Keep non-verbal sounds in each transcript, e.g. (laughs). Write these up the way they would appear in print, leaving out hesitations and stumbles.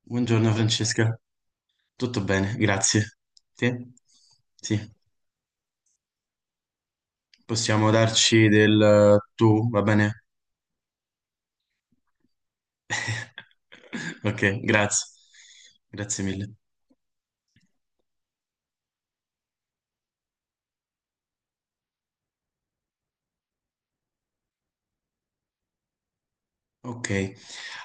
Buongiorno Francesca, tutto bene, grazie. Te? Sì, possiamo darci del tu, va bene? (laughs) Ok, grazie. Grazie mille. Ok,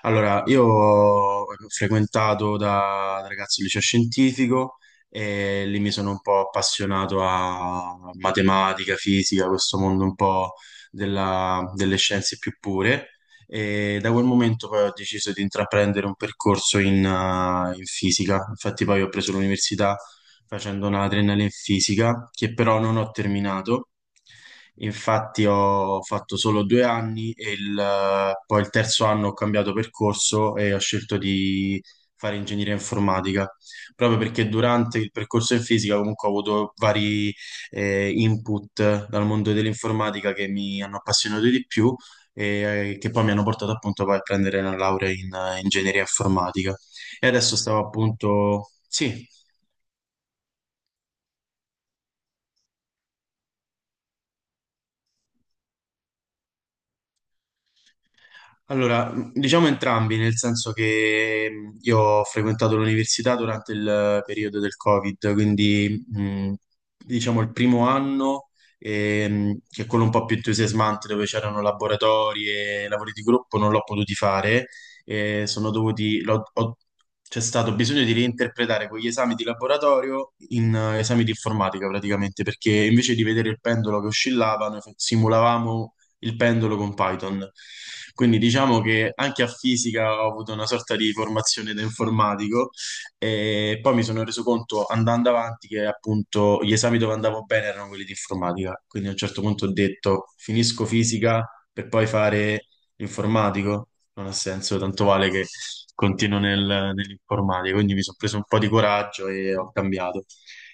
allora io ho frequentato da ragazzo il liceo scientifico e lì mi sono un po' appassionato a matematica, fisica, questo mondo un po' delle scienze più pure, e da quel momento poi ho deciso di intraprendere un percorso in fisica. Infatti poi ho preso l'università facendo una triennale in fisica che però non ho terminato. Infatti ho fatto solo due anni e poi il terzo anno ho cambiato percorso e ho scelto di fare ingegneria informatica, proprio perché durante il percorso in fisica comunque ho avuto vari input dal mondo dell'informatica che mi hanno appassionato di più e che poi mi hanno portato appunto poi a prendere la laurea in ingegneria informatica. E adesso stavo appunto, sì. Allora, diciamo entrambi, nel senso che io ho frequentato l'università durante il periodo del Covid, quindi diciamo il primo anno, che è quello un po' più entusiasmante, dove c'erano laboratori e lavori di gruppo, non l'ho potuti fare, e sono dovuti, c'è stato bisogno di reinterpretare quegli esami di laboratorio in esami di informatica praticamente, perché invece di vedere il pendolo che oscillava, noi simulavamo il pendolo con Python. Quindi diciamo che anche a fisica ho avuto una sorta di formazione da informatico, e poi mi sono reso conto andando avanti che appunto gli esami dove andavo bene erano quelli di informatica. Quindi a un certo punto ho detto finisco fisica per poi fare informatico. Non ha senso, tanto vale che continuo nell'informatica. Quindi mi sono preso un po' di coraggio e ho cambiato.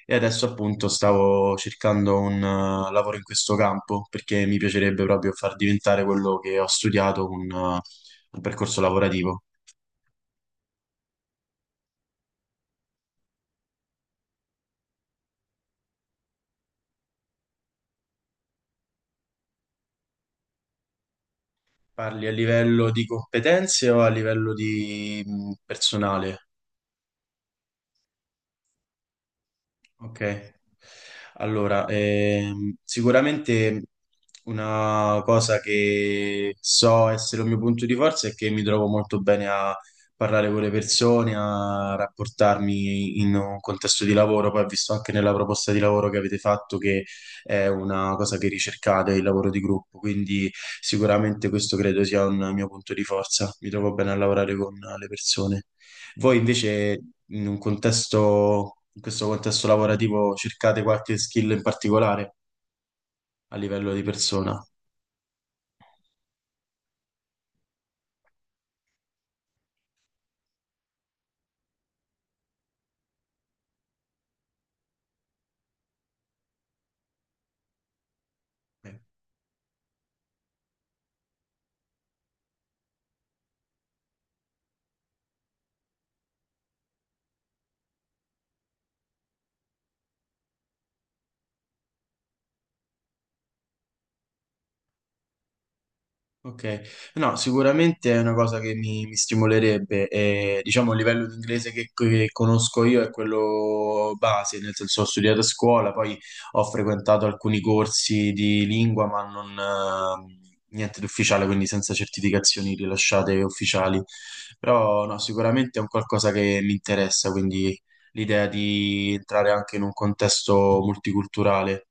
E adesso appunto stavo cercando un lavoro in questo campo perché mi piacerebbe proprio far diventare quello che ho studiato un, percorso lavorativo. Parli a livello di competenze o a livello di personale? Ok, allora, sicuramente una cosa che so essere un mio punto di forza è che mi trovo molto bene a parlare con le persone, a rapportarmi in un contesto di lavoro. Poi ho visto anche nella proposta di lavoro che avete fatto che è una cosa che ricercate, il lavoro di gruppo, quindi sicuramente questo credo sia un mio punto di forza. Mi trovo bene a lavorare con le persone. Voi invece in questo contesto lavorativo cercate qualche skill in particolare a livello di persona? Ok, no, sicuramente è una cosa che mi stimolerebbe. E, diciamo, il livello di inglese che conosco io è quello base, nel senso ho studiato a scuola, poi ho frequentato alcuni corsi di lingua, ma non, niente di ufficiale, quindi senza certificazioni rilasciate ufficiali. Però no, sicuramente è un qualcosa che mi interessa, quindi l'idea di entrare anche in un contesto multiculturale.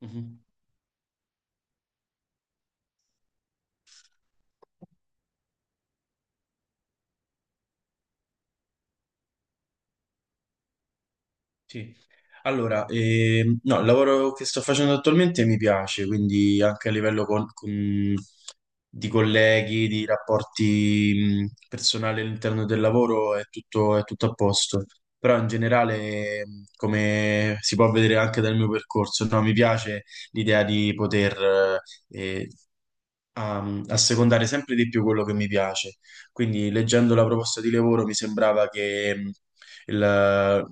Mhm, sì. Allora, no, il lavoro che sto facendo attualmente mi piace, quindi anche a livello di colleghi, di rapporti personali all'interno del lavoro è tutto a posto. Però in generale, come si può vedere anche dal mio percorso, no, mi piace l'idea di poter, eh, a secondare sempre di più quello che mi piace. Quindi leggendo la proposta di lavoro mi sembrava che il-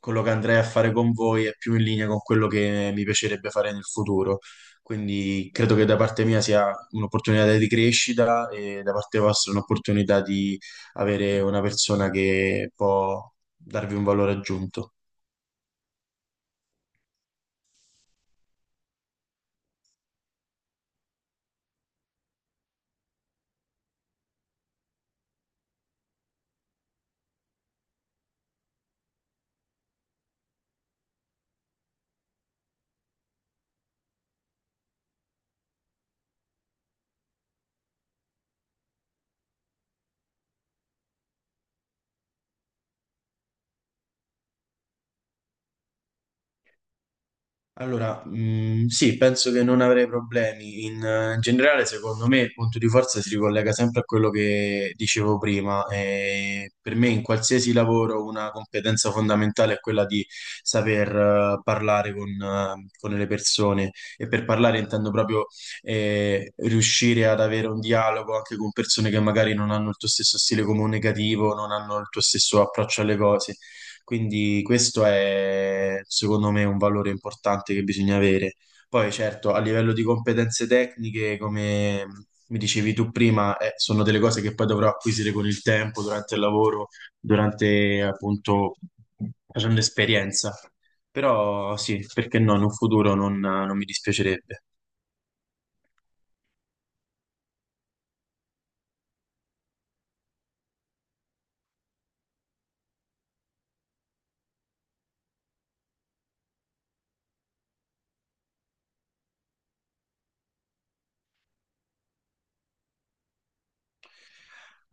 quello che andrei a fare con voi è più in linea con quello che mi piacerebbe fare nel futuro. Quindi credo che da parte mia sia un'opportunità di crescita e da parte vostra un'opportunità di avere una persona che può darvi un valore aggiunto. Allora, sì, penso che non avrei problemi. In generale, secondo me, il punto di forza si ricollega sempre a quello che dicevo prima. E per me, in qualsiasi lavoro, una competenza fondamentale è quella di saper, parlare con le persone. E per parlare intendo proprio, riuscire ad avere un dialogo anche con persone che magari non hanno il tuo stesso stile comunicativo, non hanno il tuo stesso approccio alle cose. Quindi questo è secondo me un valore importante che bisogna avere. Poi certo, a livello di competenze tecniche, come mi dicevi tu prima, sono delle cose che poi dovrò acquisire con il tempo, durante il lavoro, durante appunto facendo esperienza. Però sì, perché no, in un futuro non mi dispiacerebbe.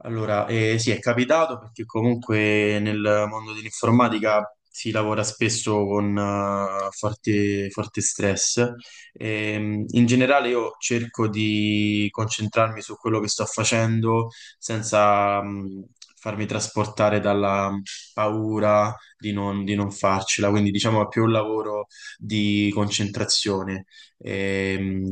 Allora, sì, è capitato perché comunque nel mondo dell'informatica si lavora spesso con forte, forte stress. In generale io cerco di concentrarmi su quello che sto facendo senza farmi trasportare dalla paura di non farcela, quindi diciamo è più un lavoro di concentrazione. Ehm,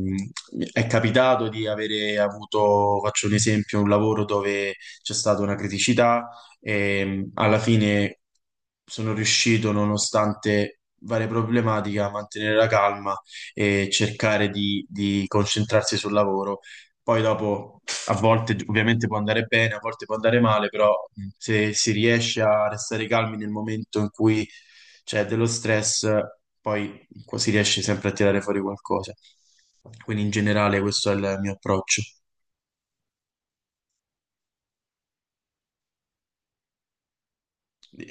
è capitato di avere avuto, faccio un esempio, un lavoro dove c'è stata una criticità e alla fine sono riuscito, nonostante varie problematiche, a mantenere la calma e cercare di concentrarsi sul lavoro. Poi dopo, a volte ovviamente può andare bene, a volte può andare male, però se si riesce a restare calmi nel momento in cui c'è dello stress, poi si riesce sempre a tirare fuori qualcosa. Quindi in generale questo è il mio approccio.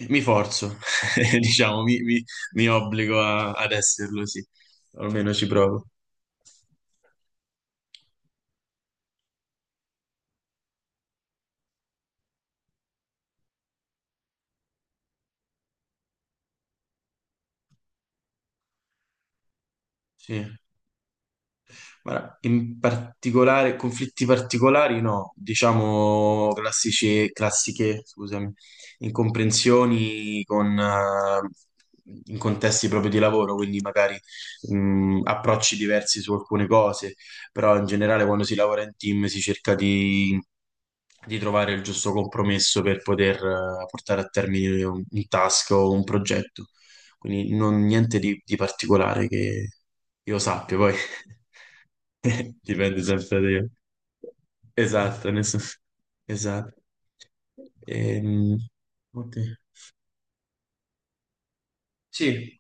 Mi forzo, (laughs) diciamo, mi obbligo ad esserlo, sì. Almeno ci provo. Sì. Guarda, in particolare, conflitti particolari no, diciamo classici, classiche, scusami, incomprensioni in contesti proprio di lavoro, quindi magari approcci diversi su alcune cose, però in generale quando si lavora in team si cerca di trovare il giusto compromesso per poter portare a termine un task o un progetto. Quindi niente di particolare che io sappia, poi (laughs) dipende sempre da io. Esatto, nessuno. Esatto. Ehm, ok. Sì,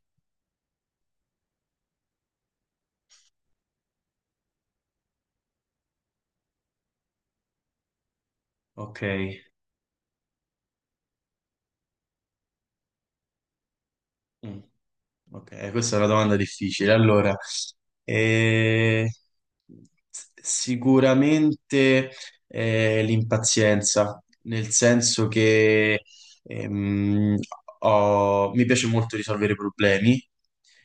ok. Mm. Ok, questa è una domanda difficile. Allora, eh, sicuramente l'impazienza, nel senso che ehm, mi piace molto risolvere problemi,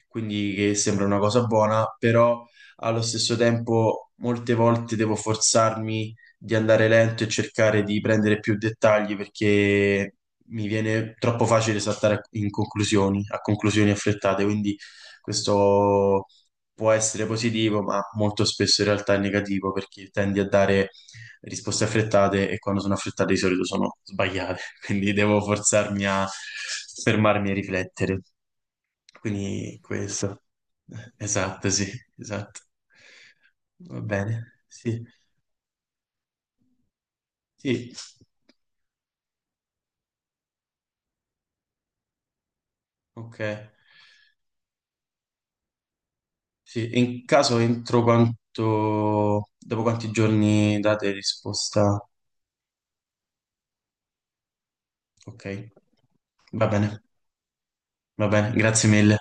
quindi che sembra una cosa buona, però allo stesso tempo molte volte devo forzarmi di andare lento e cercare di prendere più dettagli perché mi viene troppo facile saltare in conclusioni, a conclusioni affrettate, quindi questo può essere positivo, ma molto spesso in realtà è negativo perché tendi a dare risposte affrettate e quando sono affrettate di solito sono sbagliate, (laughs) quindi devo forzarmi a fermarmi e riflettere. Quindi questo. Esatto, sì, esatto. Va bene, sì, sì, ok. Sì, e in caso dopo quanti giorni date risposta? Ok, va bene, va bene, grazie mille.